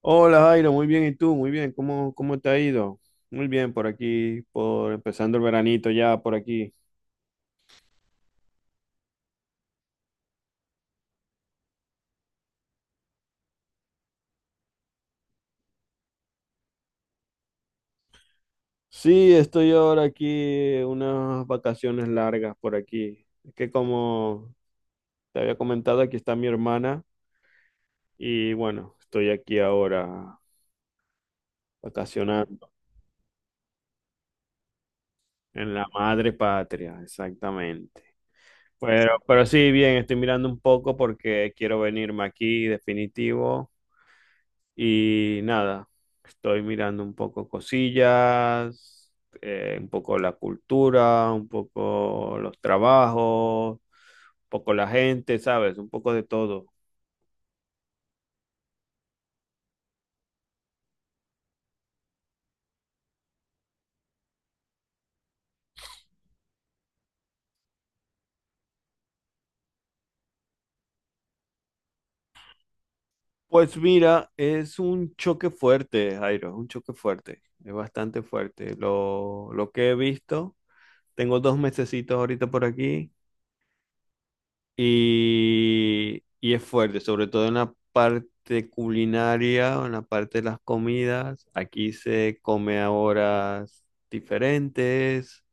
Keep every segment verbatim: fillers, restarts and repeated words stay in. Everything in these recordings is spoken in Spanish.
Hola Jairo, muy bien, ¿y tú? Muy bien, ¿cómo, cómo te ha ido? Muy bien, por aquí, por empezando el veranito ya por aquí. Sí, estoy ahora aquí, unas vacaciones largas por aquí. Es que como te había comentado, aquí está mi hermana y bueno, estoy aquí ahora vacacionando en la madre patria, exactamente. Pero, pero sí, bien, estoy mirando un poco porque quiero venirme aquí, definitivo. Y nada, estoy mirando un poco cosillas, eh, un poco la cultura, un poco los trabajos, un poco la gente, ¿sabes? Un poco de todo. Pues mira, es un choque fuerte, Jairo, es un choque fuerte, es bastante fuerte. Lo, lo que he visto, tengo dos mesecitos ahorita por aquí. Y, y es fuerte, sobre todo en la parte culinaria, en la parte de las comidas. Aquí se come a horas diferentes,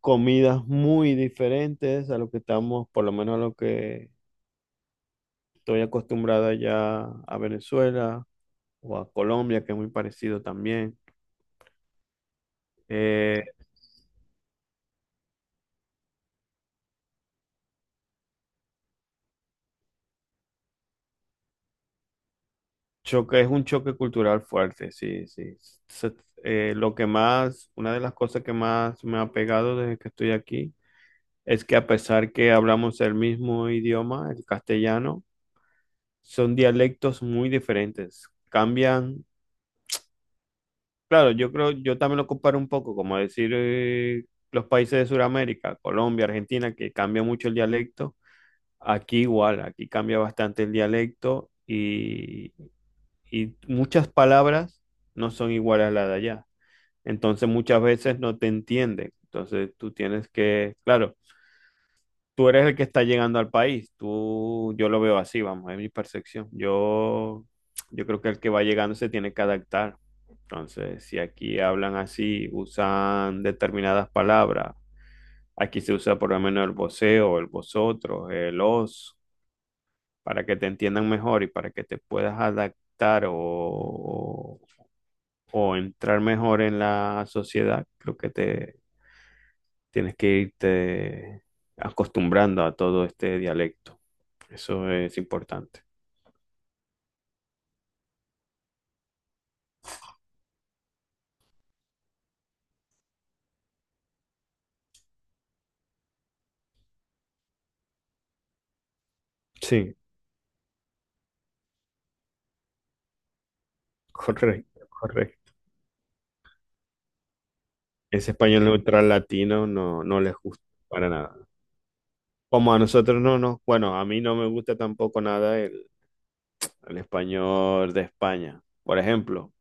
comidas muy diferentes a lo que estamos, por lo menos a lo que estoy acostumbrada ya a Venezuela o a Colombia, que es muy parecido también. Eh, choque, es un choque cultural fuerte, sí, sí. Se- eh, lo que más, una de las cosas que más me ha pegado desde que estoy aquí es que a pesar que hablamos el mismo idioma, el castellano, son dialectos muy diferentes. Cambian, claro, yo creo, yo también lo comparo un poco, como decir eh, los países de Sudamérica, Colombia, Argentina, que cambia mucho el dialecto. Aquí igual, aquí cambia bastante el dialecto y, y muchas palabras no son iguales a las de allá. Entonces muchas veces no te entienden. Entonces tú tienes que, claro. Tú eres el que está llegando al país. Tú, yo lo veo así, vamos, es mi percepción. Yo, yo creo que el que va llegando se tiene que adaptar. Entonces, si aquí hablan así, usan determinadas palabras, aquí se usa por lo menos el voseo, el vosotros, el os, para que te entiendan mejor y para que te puedas adaptar o, o entrar mejor en la sociedad. Creo que te, tienes que irte acostumbrando a todo este dialecto. Eso es importante. Sí, correcto, correcto. Ese español neutral latino no, no les gusta para nada. Como a nosotros no, no. Bueno, a mí no me gusta tampoco nada el, el español de España. Por ejemplo,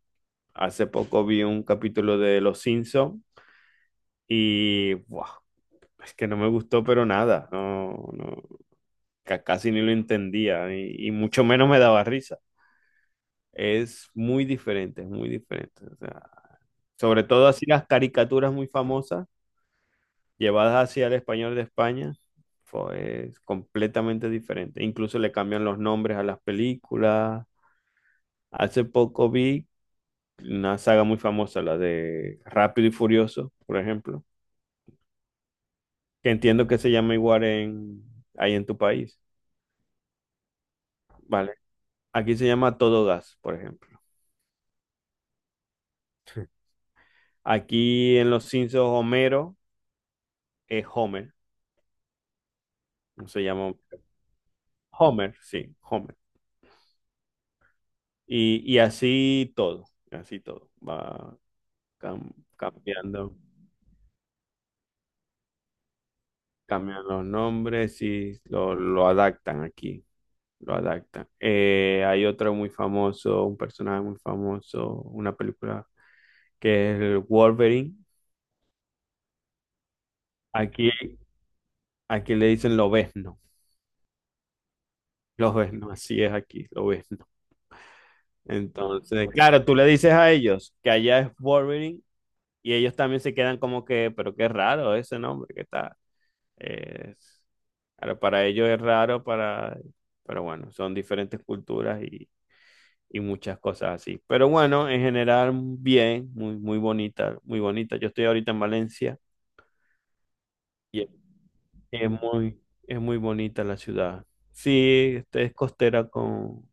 hace poco vi un capítulo de Los Simpson y ¡buah! Es que no me gustó, pero nada. No, no, ca- casi ni lo entendía y y mucho menos me daba risa. Es muy diferente, es muy diferente. O sea, sobre todo así las caricaturas muy famosas llevadas hacia el español de España, fue- es completamente diferente. Incluso le cambian los nombres a las películas. Hace poco vi una saga muy famosa, la de Rápido y Furioso, por ejemplo, que entiendo que se llama igual en, ahí en tu país. Vale, aquí se llama Todo Gas, por ejemplo. Aquí en Los Simpsons, Homero es Homer, no se llama Homero. Homer, sí, Homer. Y, y así todo, así todo. Va cam- cambiando, cambian los nombres y lo, lo adaptan aquí, lo adaptan. Eh, hay otro muy famoso, un personaje muy famoso, una película que es el Wolverine. Aquí, aquí le dicen lobezno, lobezno, así es aquí, lobezno. Entonces, claro, tú le dices a ellos que allá es Wolverine y ellos también se quedan como que, pero qué raro ese nombre que está. Es, claro, para ellos es raro, para, pero bueno, son diferentes culturas y, y muchas cosas así. Pero bueno, en general, bien, muy, muy bonita, muy bonita. Yo estoy ahorita en Valencia y es es muy, es muy bonita la ciudad. Sí, este es costera con, o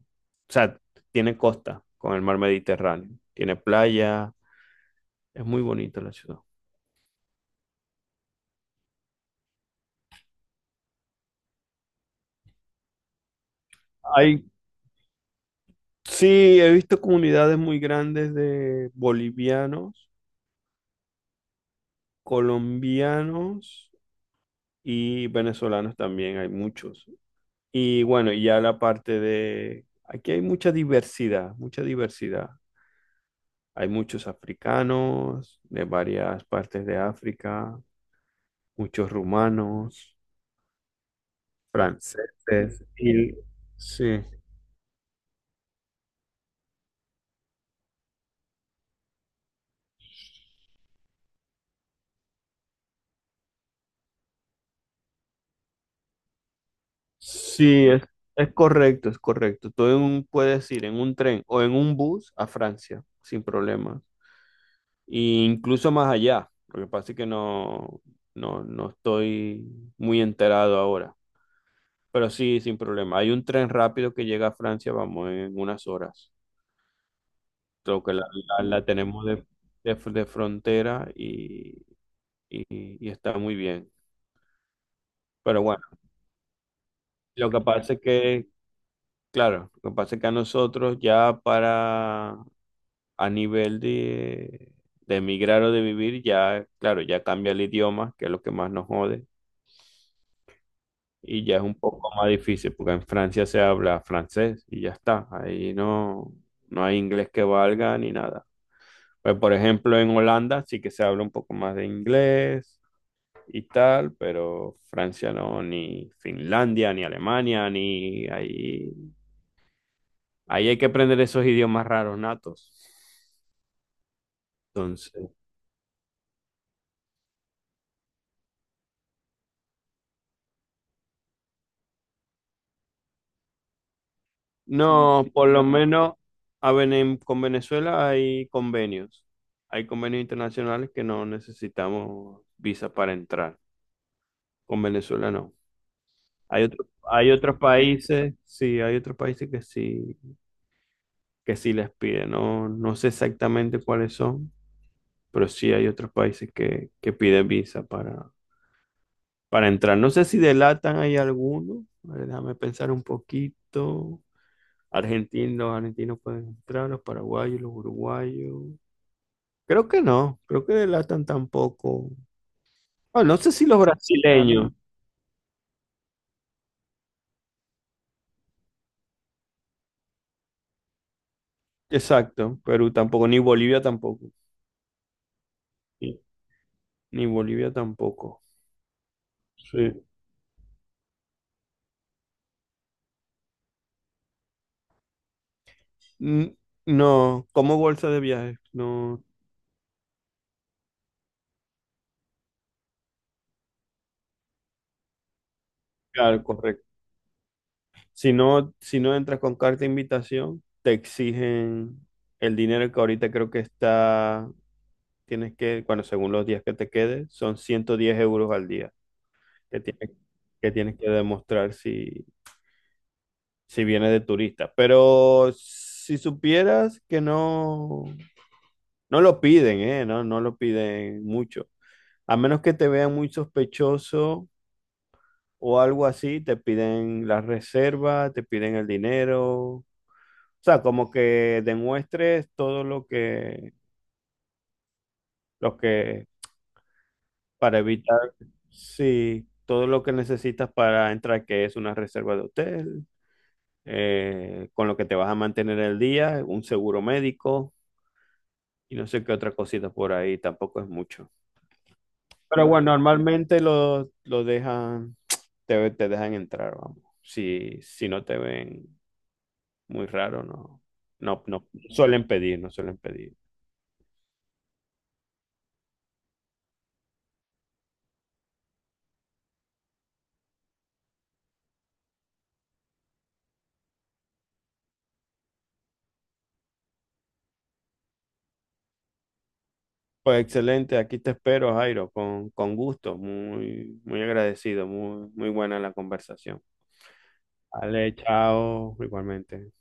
sea, tiene costa con el mar Mediterráneo, tiene playa, es muy bonita la ciudad. Hay, sí, he visto comunidades muy grandes de bolivianos, colombianos y venezolanos también hay muchos. Y bueno, y ya la parte de, aquí hay mucha diversidad, mucha diversidad. Hay muchos africanos de varias partes de África, muchos rumanos, franceses y sí, sí, es, es correcto, es correcto. Tú en un- puedes ir en un tren o en un bus a Francia sin problema, e incluso más allá. Lo que pasa es que no, no, no estoy muy enterado ahora. Pero sí, sin problema. Hay un tren rápido que llega a Francia, vamos, en unas horas. Creo que la, la- la tenemos de, de- de frontera y, y- y está muy bien. Pero bueno, lo que pasa es que, claro, lo que pasa es que a nosotros ya para, a nivel de, de emigrar o de vivir, ya, claro, ya cambia el idioma, que es lo que más nos jode y ya es un poco más difícil porque en Francia se habla francés y ya está. Ahí no, no hay inglés que valga ni nada. Pues por ejemplo en Holanda sí que se habla un poco más de inglés y tal, pero Francia no, ni Finlandia, ni Alemania, ni ahí, ahí hay que aprender esos idiomas raros natos. Entonces, sí, no, sí, por lo claro. Menos a Vene- con Venezuela hay convenios. Hay convenios internacionales que no necesitamos visa para entrar. Con Venezuela no. Hay otro- hay otros países, sí, hay otros países que sí, que sí les piden. No, no sé exactamente cuáles son, pero sí hay otros países que, que piden visa para, para entrar. No sé si delatan hay alguno. A ver, déjame pensar un poquito. Argentinos, los argentinos pueden entrar, los paraguayos, los uruguayos. Creo que no, creo que delatan tampoco. Ah, no sé si los brasileños, exacto, Perú tampoco, ni Bolivia tampoco. Sí, ni Bolivia tampoco. Sí, N- no, como bolsa de viaje, no. Claro, correcto. Si no, si no entras con carta de invitación, te exigen el dinero que ahorita creo que está, tienes que, bueno, según los días que te quedes, son ciento diez euros al día que tienes que, tienes que demostrar si, si vienes de turista. Pero si supieras que no, no lo piden, ¿eh? No, no lo piden mucho. A menos que te vean muy sospechoso o algo así, te piden la reserva, te piden el dinero. O sea, como que demuestres todo lo que, lo que, para evitar, sí, todo lo que necesitas para entrar, que es una reserva de hotel, eh, con lo que te vas a mantener el día, un seguro médico y no sé qué otra cosita por ahí, tampoco es mucho. Pero bueno, normalmente lo, lo dejan, te, te dejan entrar, vamos, si, si no te ven. Muy raro, no. No, no suelen pedir, no suelen pedir. Pues excelente, aquí te espero, Jairo, con, con gusto. Muy, muy agradecido, muy, muy buena la conversación. Vale, chao, igualmente.